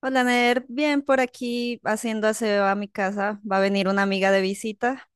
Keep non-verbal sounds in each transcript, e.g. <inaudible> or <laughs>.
Hola, Ner. Bien, por aquí haciendo aseo a mi casa. Va a venir una amiga de visita.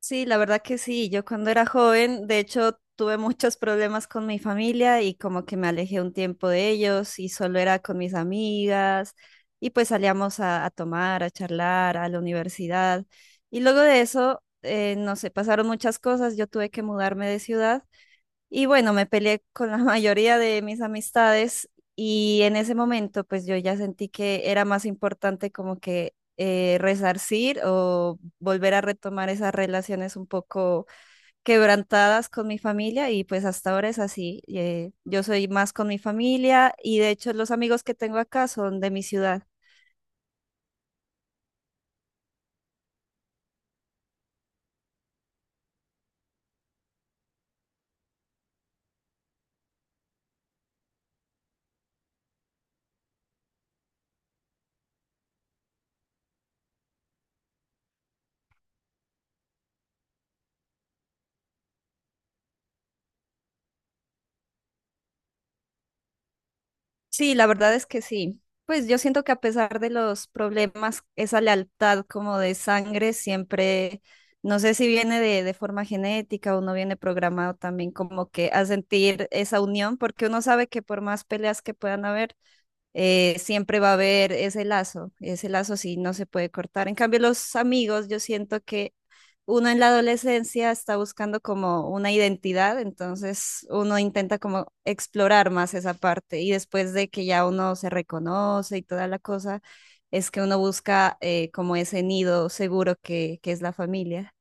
Sí, la verdad que sí. Yo cuando era joven, de hecho, tuve muchos problemas con mi familia y como que me alejé un tiempo de ellos y solo era con mis amigas y pues salíamos a tomar, a charlar, a la universidad. Y luego de eso, no sé, pasaron muchas cosas. Yo tuve que mudarme de ciudad. Y bueno, me peleé con la <laughs> mayoría de mis amistades y en ese momento pues yo ya sentí que era más importante como que resarcir o volver a retomar esas relaciones un poco quebrantadas con mi familia y pues hasta ahora es así. Yo soy más con mi familia y de hecho los amigos que tengo acá son de mi ciudad. Sí, la verdad es que sí. Pues yo siento que a pesar de los problemas, esa lealtad como de sangre siempre, no sé si viene de forma genética o no viene programado también como que a sentir esa unión, porque uno sabe que por más peleas que puedan haber, siempre va a haber ese lazo sí no se puede cortar. En cambio, los amigos, yo siento que uno en la adolescencia está buscando como una identidad, entonces uno intenta como explorar más esa parte y después de que ya uno se reconoce y toda la cosa, es que uno busca como ese nido seguro que es la familia.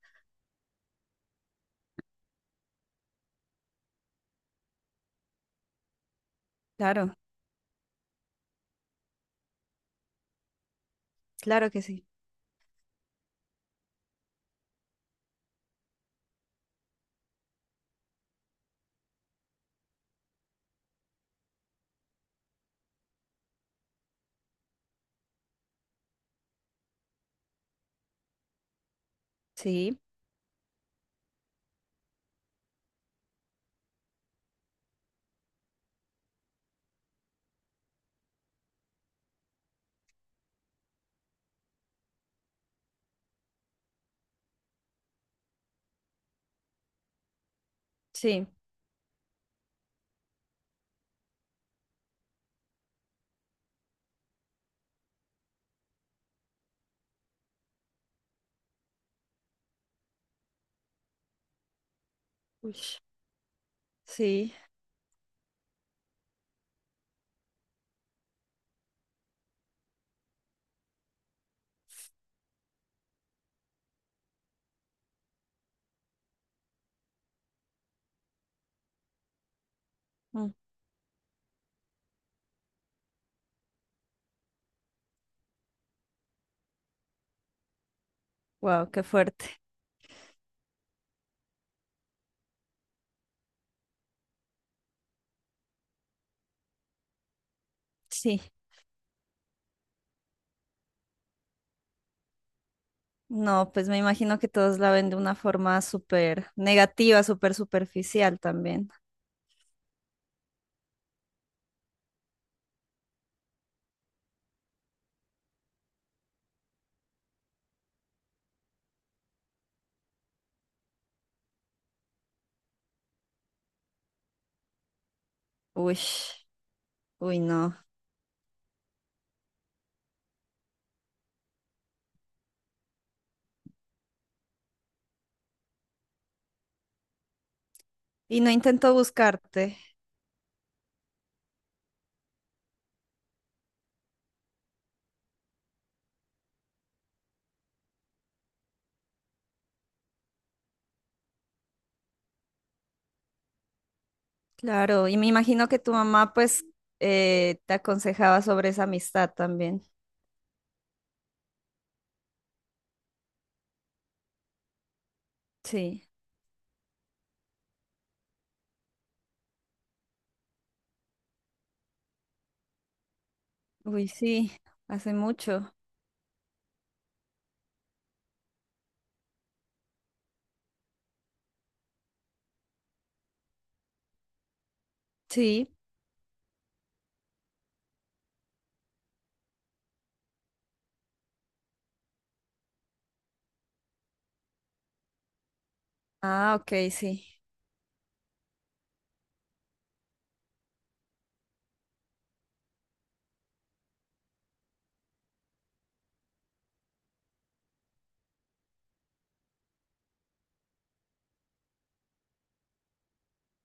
Claro, claro que sí. Sí, sí. Uy. Sí. Wow, qué fuerte. Sí. No, pues me imagino que todos la ven de una forma súper negativa, súper superficial también. Uy, uy, no. Y no intento buscarte, claro. Y me imagino que tu mamá, pues, te aconsejaba sobre esa amistad también. Sí. Uy, sí, hace mucho. Sí. Ah, ok, sí.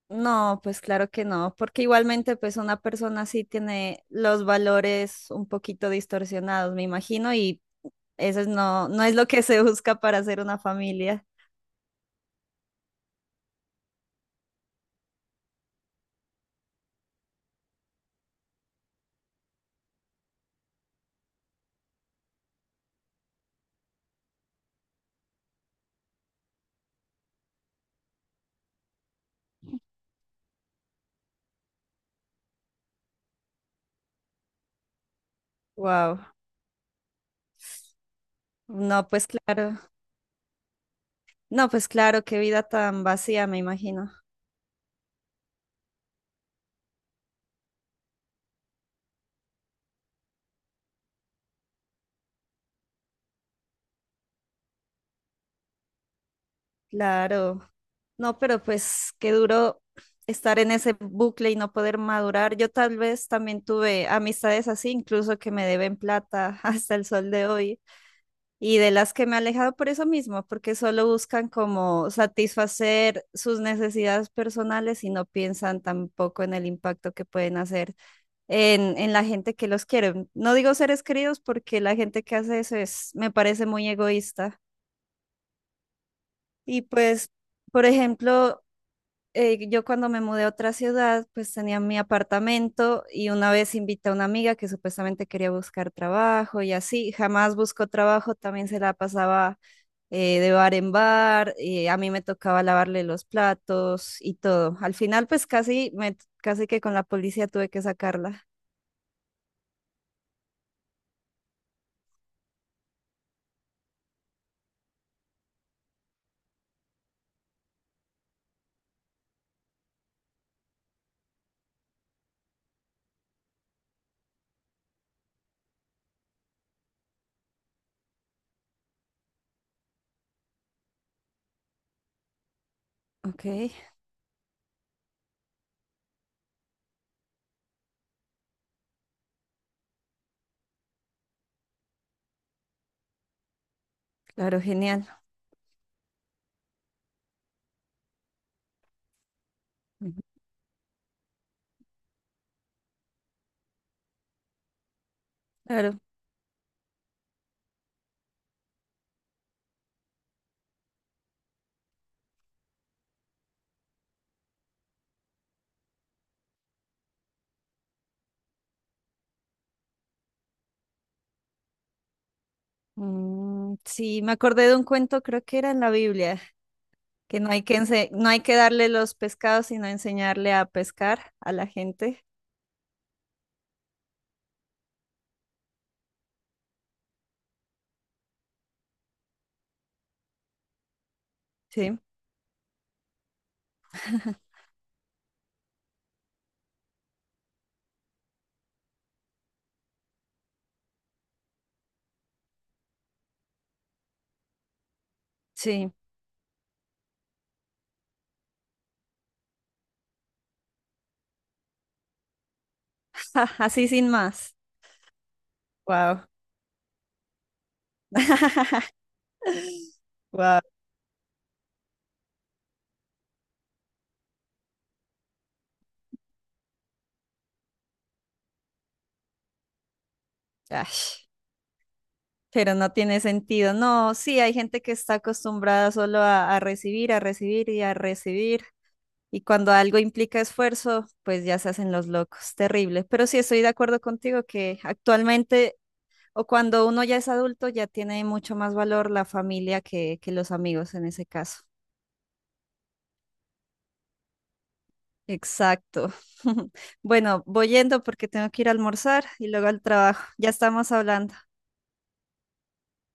No, pues claro que no, porque igualmente, pues, una persona sí tiene los valores un poquito distorsionados, me imagino, y no, no es lo que se busca para hacer una familia. Wow. No, pues claro. No, pues claro, qué vida tan vacía, me imagino. Claro. No, pero pues qué duro estar en ese bucle y no poder madurar. Yo tal vez también tuve amistades así, incluso que me deben plata <laughs> hasta el sol de hoy, y de las que me he alejado por eso mismo, porque solo buscan como satisfacer sus necesidades personales y no piensan tampoco en el impacto que pueden hacer en la gente que los quiere. No digo seres queridos porque la gente que hace eso es, me parece muy egoísta. Y pues, por ejemplo, yo cuando me mudé a otra ciudad, pues tenía mi apartamento y una vez invité a una amiga que supuestamente quería buscar trabajo y así, jamás buscó trabajo, también se la pasaba de bar en bar, a mí me tocaba lavarle los platos y todo. Al final, pues casi que con la policía tuve que sacarla. Ok, claro, genial. Claro. Mm, sí, me acordé de un cuento, creo que era en la Biblia, que no hay que darle los pescados, sino enseñarle a pescar a la gente. Sí, sí. <laughs> Así sin más. Wow. <laughs> Wow. Ash, pero no tiene sentido. No, sí, hay gente que está acostumbrada solo a recibir, a recibir. Y cuando algo implica esfuerzo, pues ya se hacen los locos. Terrible. Pero sí estoy de acuerdo contigo que actualmente o cuando uno ya es adulto, ya tiene mucho más valor la familia que los amigos en ese caso. Exacto. <laughs> Bueno, voy yendo porque tengo que ir a almorzar y luego al trabajo. Ya estamos hablando.